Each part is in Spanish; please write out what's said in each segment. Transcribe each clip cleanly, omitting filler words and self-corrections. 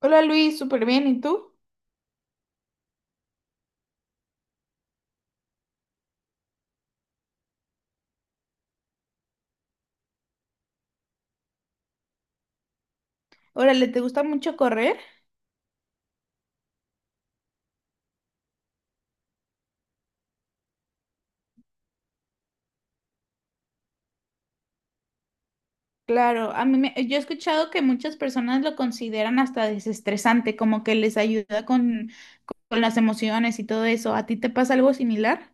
Hola Luis, súper bien, ¿y tú? Órale, ¿te gusta mucho correr? Claro, yo he escuchado que muchas personas lo consideran hasta desestresante, como que les ayuda con las emociones y todo eso. ¿A ti te pasa algo similar?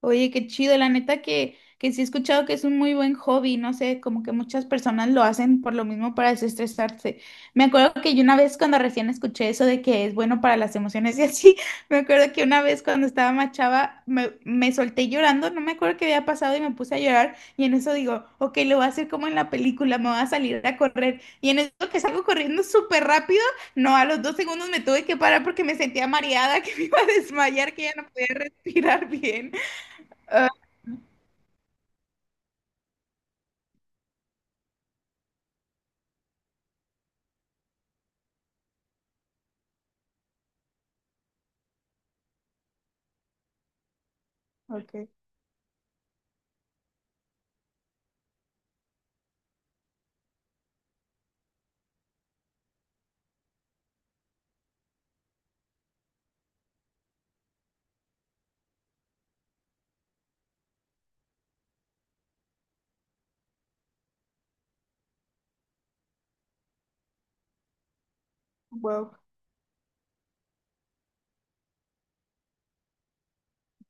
Oye, qué chido, la neta que sí he escuchado que es un muy buen hobby, no sé, como que muchas personas lo hacen por lo mismo para desestresarse. Me acuerdo que yo una vez cuando recién escuché eso de que es bueno para las emociones y así, me acuerdo que una vez cuando estaba más chava me solté llorando, no me acuerdo qué había pasado y me puse a llorar y en eso digo, ok, lo voy a hacer como en la película, me voy a salir a correr y en eso que salgo corriendo súper rápido, no, a los 2 segundos me tuve que parar porque me sentía mareada, que me iba a desmayar, que ya no podía respirar bien. Ah, ok, wow,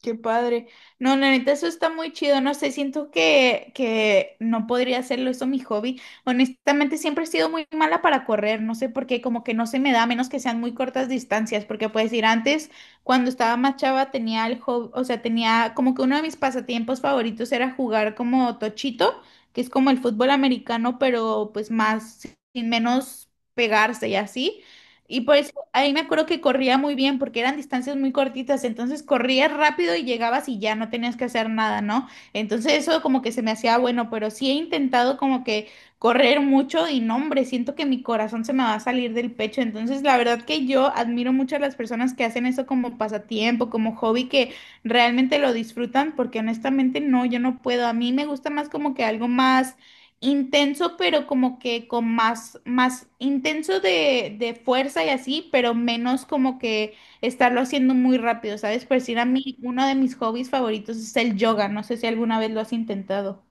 qué padre. No, la neta, eso está muy chido. No sé, siento que no podría hacerlo eso mi hobby. Honestamente, siempre he sido muy mala para correr. No sé por qué, como que no se me da, a menos que sean muy cortas distancias. Porque puedes decir, antes, cuando estaba más chava, tenía el hobby, o sea, tenía como que uno de mis pasatiempos favoritos era jugar como tochito, que es como el fútbol americano, pero pues más, sin menos pegarse y así. Y por eso ahí me acuerdo que corría muy bien porque eran distancias muy cortitas, entonces corrías rápido y llegabas y ya no tenías que hacer nada, ¿no? Entonces eso como que se me hacía bueno, pero sí he intentado como que correr mucho y no, hombre, siento que mi corazón se me va a salir del pecho, entonces la verdad que yo admiro mucho a las personas que hacen eso como pasatiempo, como hobby, que realmente lo disfrutan porque honestamente no, yo no puedo, a mí me gusta más como que algo más intenso, pero como que con más intenso de fuerza y así, pero menos como que estarlo haciendo muy rápido, ¿sabes? Por decir a mí, uno de mis hobbies favoritos es el yoga, no sé si alguna vez lo has intentado.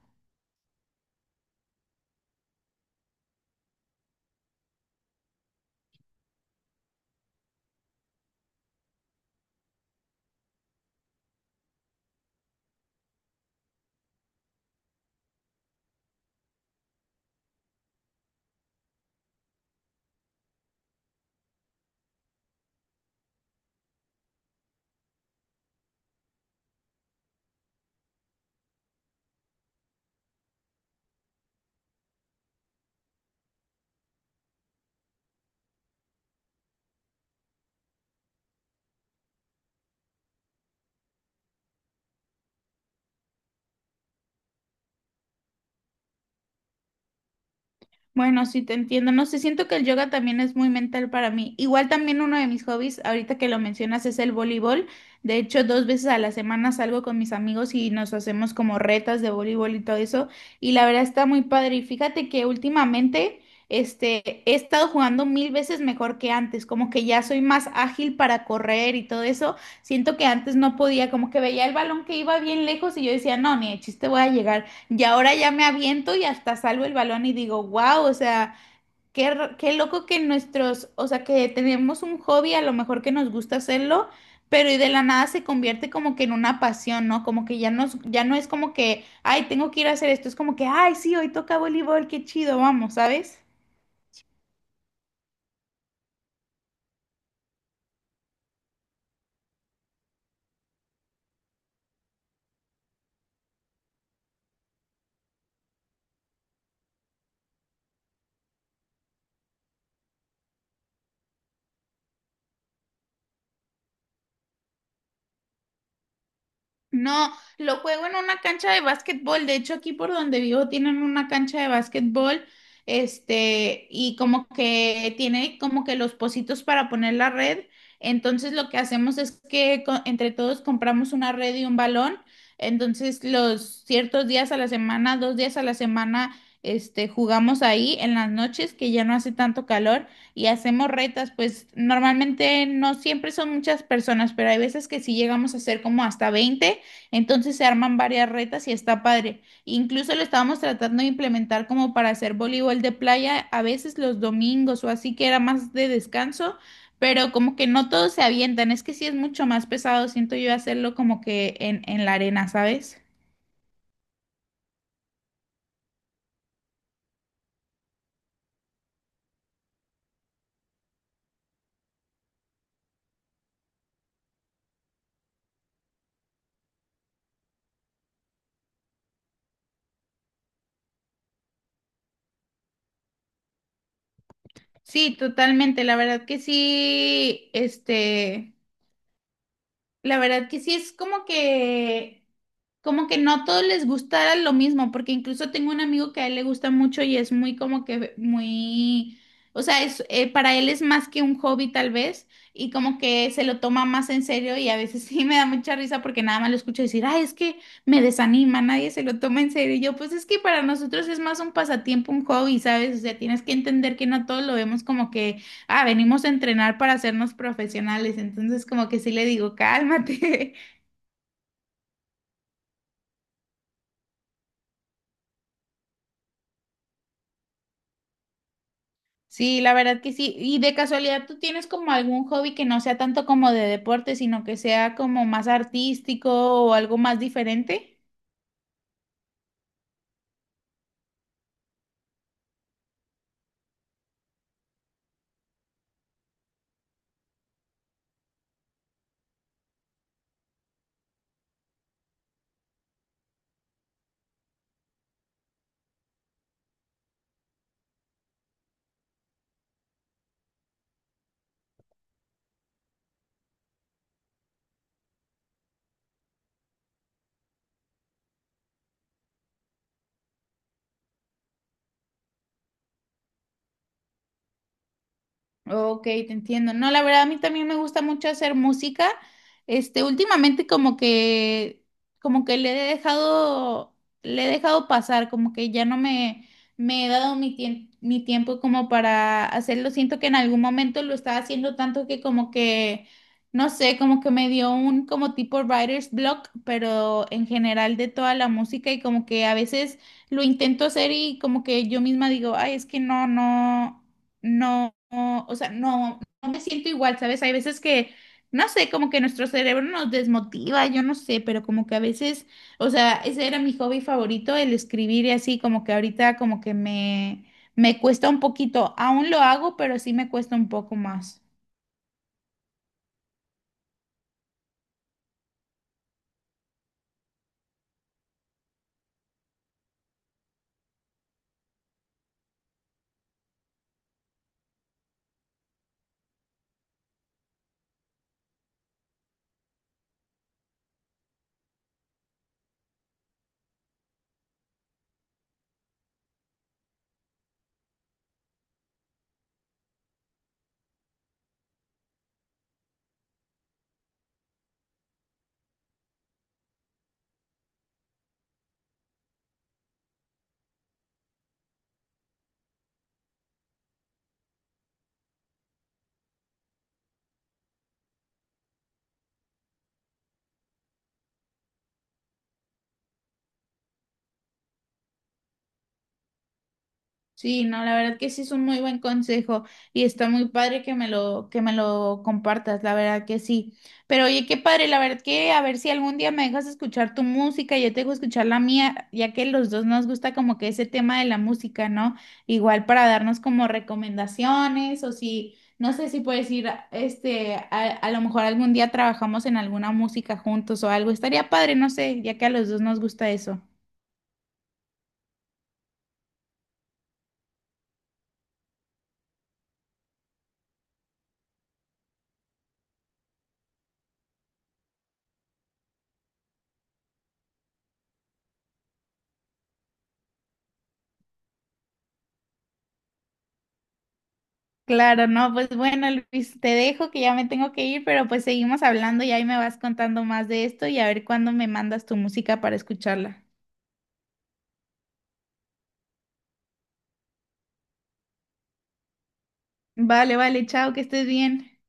Bueno, sí te entiendo. No sé, siento que el yoga también es muy mental para mí. Igual también uno de mis hobbies, ahorita que lo mencionas, es el voleibol. De hecho, 2 veces a la semana salgo con mis amigos y nos hacemos como retas de voleibol y todo eso. Y la verdad está muy padre. Y fíjate que últimamente, he estado jugando mil veces mejor que antes. Como que ya soy más ágil para correr y todo eso. Siento que antes no podía, como que veía el balón que iba bien lejos y yo decía, no, ni de chiste voy a llegar. Y ahora ya me aviento y hasta salvo el balón y digo, wow, o sea, qué, qué loco que nuestros, o sea, que tenemos un hobby, a lo mejor que nos gusta hacerlo, pero y de la nada se convierte como que en una pasión, ¿no? Como que ya nos, ya no es como que, ay, tengo que ir a hacer esto, es como que, ay, sí, hoy toca voleibol, qué chido, vamos, ¿sabes? No, lo juego en una cancha de básquetbol. De hecho, aquí por donde vivo tienen una cancha de básquetbol. Y como que tiene como que los pocitos para poner la red. Entonces, lo que hacemos es que entre todos compramos una red y un balón. Entonces, los ciertos días a la semana, 2 días a la semana, jugamos ahí en las noches, que ya no hace tanto calor, y hacemos retas. Pues normalmente no siempre son muchas personas, pero hay veces que sí llegamos a ser como hasta 20. Entonces se arman varias retas y está padre. Incluso lo estábamos tratando de implementar como para hacer voleibol de playa a veces los domingos o así que era más de descanso, pero como que no todos se avientan. Es que sí es mucho más pesado, siento yo, hacerlo como que en la arena, ¿sabes? Sí, totalmente. La verdad que sí es como que no a todos les gustara lo mismo, porque incluso tengo un amigo que a él le gusta mucho y es muy como que muy, o sea, es, para él es más que un hobby tal vez, y como que se lo toma más en serio y a veces sí me da mucha risa porque nada más lo escucho decir, ay, es que me desanima, nadie se lo toma en serio. Y yo, pues es que para nosotros es más un pasatiempo, un hobby, ¿sabes? O sea, tienes que entender que no todos lo vemos como que ah, venimos a entrenar para hacernos profesionales, entonces como que sí le digo, cálmate. Sí, la verdad que sí. Y de casualidad, ¿tú tienes como algún hobby que no sea tanto como de deporte, sino que sea como más artístico o algo más diferente? Ok, te entiendo. No, la verdad, a mí también me gusta mucho hacer música. Últimamente como que le he dejado pasar, como que ya no me, me he dado mi tiempo como para hacerlo. Siento que en algún momento lo estaba haciendo tanto que como que, no sé, como que me dio un como tipo writer's block, pero en general de toda la música y como que a veces lo intento hacer y como que yo misma digo, ay, es que no, no no, no, o sea, no, no me siento igual, ¿sabes? Hay veces que, no sé, como que nuestro cerebro nos desmotiva, yo no sé, pero como que a veces, o sea, ese era mi hobby favorito, el escribir y así, como que ahorita como que me cuesta un poquito, aún lo hago, pero sí me cuesta un poco más. Sí, no, la verdad que sí es un muy buen consejo y está muy padre que me lo, compartas, la verdad que sí. Pero oye, qué padre, la verdad que a ver si algún día me dejas escuchar tu música y yo te dejo escuchar la mía, ya que los dos nos gusta como que ese tema de la música, ¿no? Igual para darnos como recomendaciones o si, no sé si puedes ir, a lo mejor algún día trabajamos en alguna música juntos o algo, estaría padre, no sé, ya que a los dos nos gusta eso. Claro, no, pues bueno, Luis, te dejo que ya me tengo que ir, pero pues seguimos hablando y ahí me vas contando más de esto y a ver cuándo me mandas tu música para escucharla. Vale, vale, chao, que estés bien.